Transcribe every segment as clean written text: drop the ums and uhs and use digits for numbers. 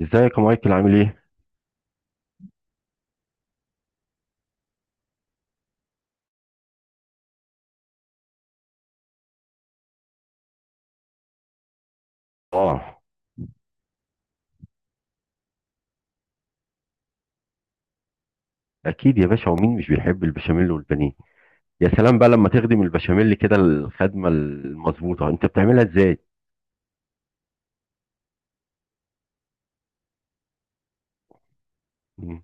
ازيك يا مايكل؟ عامل ايه؟ اه، اكيد يا باشا، ومين مش بيحب البشاميل والبانيه؟ يا سلام بقى لما تخدم البشاميل كده الخدمه المظبوطه، انت بتعملها ازاي؟ مم.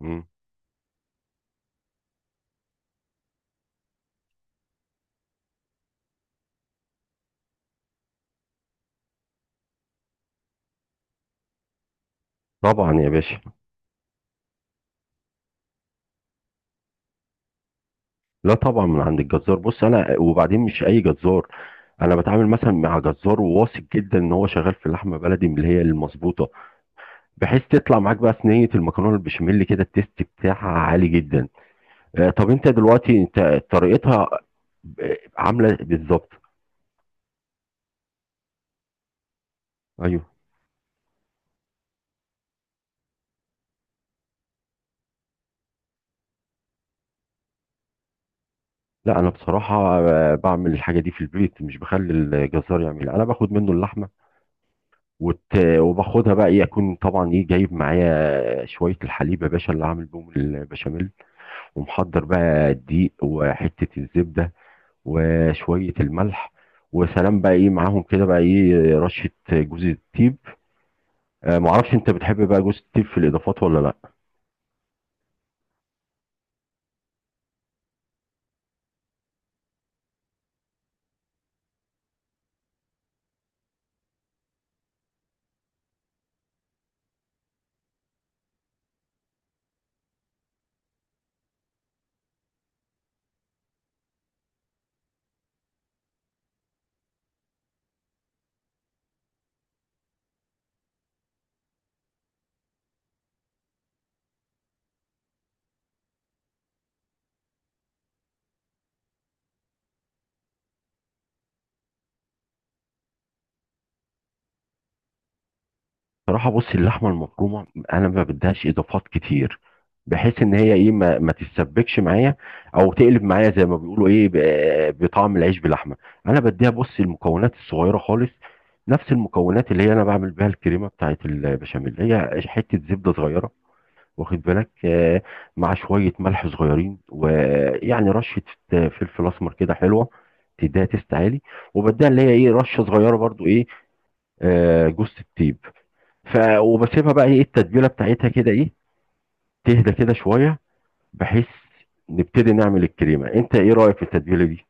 مم. طبعا يا باشا. لا طبعا من عند الجزار. بص انا وبعدين مش اي جزار، انا بتعامل مثلا مع جزار واثق جدا ان هو شغال في اللحمه بلدي من اللي هي المظبوطه، بحيث تطلع معاك بقى صينيه المكرونه البشاميل كده التيست بتاعها عالي جدا. آه، طب انت دلوقتي انت طريقتها عامله بالظبط؟ ايوه. لا انا بصراحه بعمل الحاجه دي في البيت، مش بخلي الجزار يعملها. انا باخد منه اللحمه وت... وباخدها بقى، يكون طبعا ايه جايب معايا شويه الحليب يا باشا اللي هعمل بيهم البشاميل، ومحضر بقى الدقيق وحته الزبده وشويه الملح، وسلام بقى ايه معاهم كده بقى ايه رشه جوز الطيب. معرفش، انت بتحب بقى جوز الطيب في الاضافات ولا لا؟ صراحة بصي، اللحمة المفرومة أنا ما بديهاش إضافات كتير، بحيث إن هي إيه ما تتسبكش معايا أو تقلب معايا زي ما بيقولوا إيه بطعم العيش باللحمة. أنا بديها بصي المكونات الصغيرة خالص، نفس المكونات اللي هي أنا بعمل بيها الكريمة بتاعت البشاميل: هي حتة زبدة صغيرة، واخد بالك، مع شوية ملح صغيرين، ويعني رشة فلفل أسمر كده حلوة، تديها تيست عالي، وبديها اللي هي إيه رشة صغيرة برضو إيه جوز الطيب. ف وبسيبها بقى ايه التتبيله بتاعتها كده ايه، تهدى كده شويه، بحيث نبتدي نعمل الكريمه. انت ايه رايك في التتبيله دي؟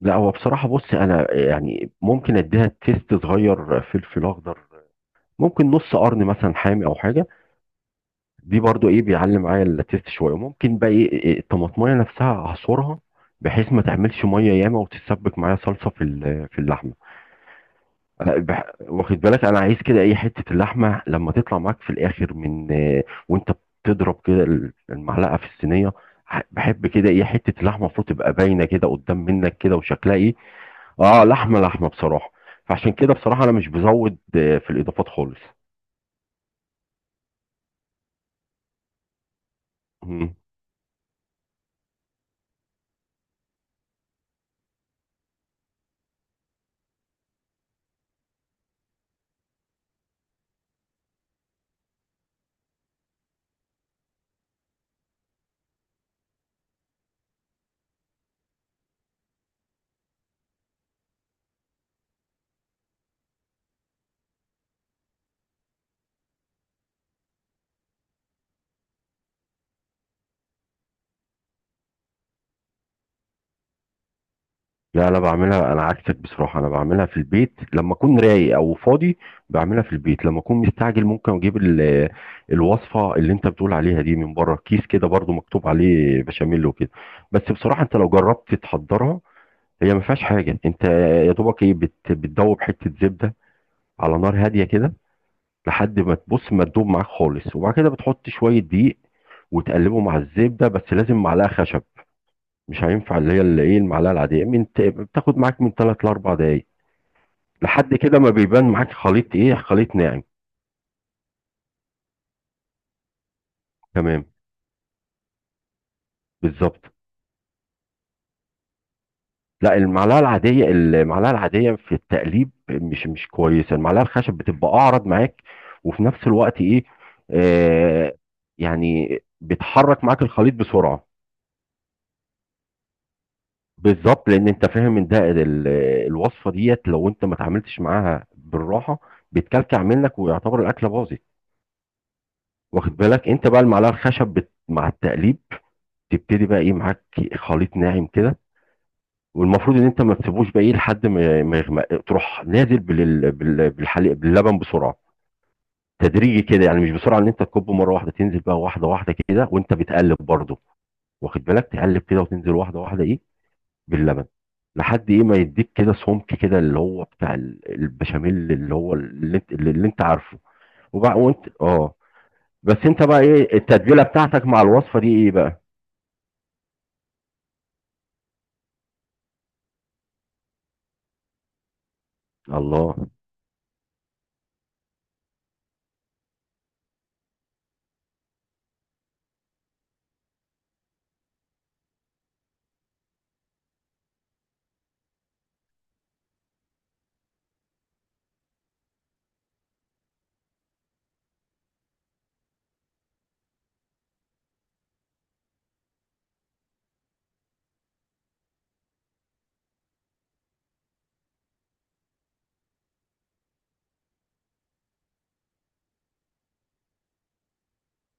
لا هو بصراحه بص، انا يعني ممكن اديها تيست صغير فلفل اخضر، ممكن نص قرن مثلا حامي او حاجه، دي برضو ايه بيعلي معايا التيست شويه. ممكن بقى ايه إيه الطماطميه نفسها اعصرها، بحيث ما تعملش ميه ياما وتتسبك معايا صلصه في اللحمه. واخد بالك، انا عايز كده اي حته اللحمه لما تطلع معاك في الاخر من وانت بتضرب كده المعلقه في الصينيه، بحب كده ايه حته اللحمه المفروض تبقى باينه كده قدام منك كده وشكلها ايه. اه، لحمه لحمه بصراحه. فعشان كده بصراحه انا مش بزود في الاضافات خالص. لا لا، بعملها انا عكسك بصراحه، انا بعملها في البيت لما اكون رايق او فاضي. بعملها في البيت. لما اكون مستعجل ممكن اجيب الوصفه اللي انت بتقول عليها دي من بره، كيس كده برضو مكتوب عليه بشاميل وكده. بس بصراحه انت لو جربت تحضرها هي ما فيهاش حاجه. انت يا دوبك ايه بتدوب حته زبده على نار هاديه كده، لحد ما تبص ما تدوب معاك خالص، وبعد كده بتحط شويه دقيق وتقلبه مع الزبده، بس لازم معلقه خشب، مش هينفع اللي هي اللي ايه المعلقه العاديه، من بتاخد معاك من 3 ل 4 دقائق لحد كده ما بيبان معاك خليط ايه، خليط ناعم. تمام، بالظبط. لا المعلقه العاديه، المعلقه العاديه في التقليب مش كويسه، المعلقه الخشب بتبقى اعرض معاك، وفي نفس الوقت ايه، آه، يعني بتحرك معاك الخليط بسرعه. بالظبط، لان انت فاهم ان ده الوصفه ديت لو انت ما اتعاملتش معاها بالراحه بتكلكع منك ويعتبر الاكله باظت. واخد بالك انت بقى المعلقه الخشب مع التقليب تبتدي بقى ايه معاك خليط ناعم كده، والمفروض ان انت ما تسيبوش بقى لحد ما ما يغمق، تروح نازل بالحليب باللبن بسرعه، تدريجي كده، يعني مش بسرعه ان انت تكبه مره واحده، تنزل بقى واحده واحده كده وانت بتقلب برضه. واخد بالك، تقلب كده وتنزل واحده واحده ايه باللبن، لحد ايه ما يديك كده سمك كده اللي هو بتاع البشاميل اللي هو اللي انت عارفه. وبقى وانت اه، بس انت بقى ايه التتبيله بتاعتك مع الوصفه دي ايه بقى؟ الله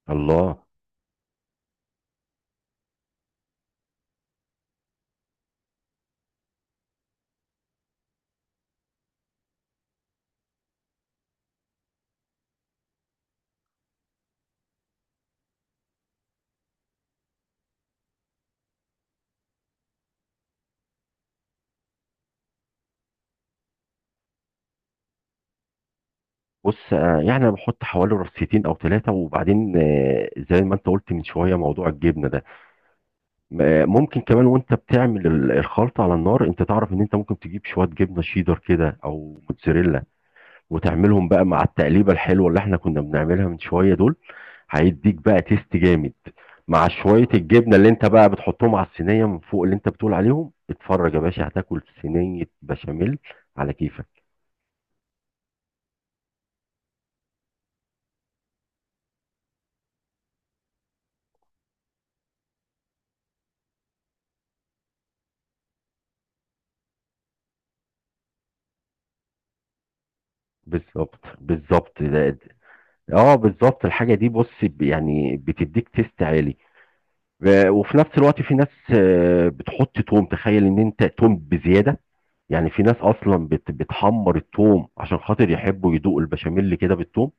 الله. بص يعني انا بحط حوالي رصيتين او ثلاثه، وبعدين زي ما انت قلت من شويه موضوع الجبنه ده، ممكن كمان وانت بتعمل الخلطه على النار، انت تعرف ان انت ممكن تجيب شويه جبنه شيدر كده او موتزاريلا وتعملهم بقى مع التقليبه الحلوه اللي احنا كنا بنعملها من شويه دول، هيديك بقى تيست جامد، مع شويه الجبنه اللي انت بقى بتحطهم على الصينيه من فوق اللي انت بتقول عليهم. اتفرج يا باشا، هتاكل صينيه بشاميل على كيفك. بالظبط بالظبط. اه بالظبط، الحاجه دي بص يعني بتديك تيست عالي، و- وفي نفس الوقت في ناس بتحط توم، تخيل ان انت توم بزياده، يعني في ناس اصلا بتحمر التوم عشان خاطر يحبوا يدوقوا البشاميل كده بالتوم.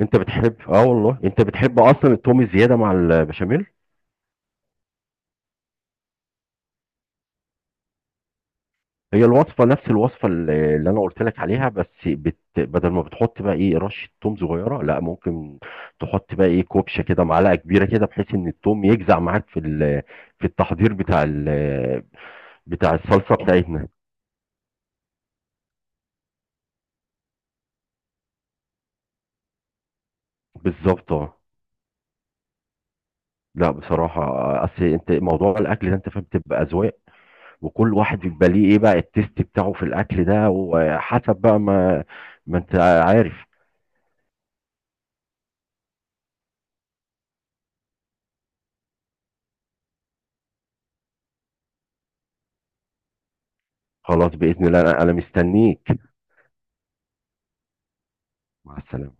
انت بتحب؟ اه والله، انت بتحب اصلا التوم الزياده مع البشاميل. هي الوصفة نفس الوصفة اللي أنا قلت لك عليها، بس بدل ما بتحط بقى إيه رشة توم صغيرة، لا ممكن تحط بقى إيه كوبشة كده، معلقة كبيرة كده، بحيث إن التوم يجزع معاك في التحضير بتاع الصلصة بتاعتنا. بالظبط، اه. لا بصراحة أصل أنت موضوع الأكل ده أنت فاهم بتبقى أذواق، وكل واحد بيبقى ليه إيه بقى التيست بتاعه في الأكل ده، وحسب بقى ما، ما أنت عارف. خلاص بإذن الله، أنا مستنيك. مع السلامة.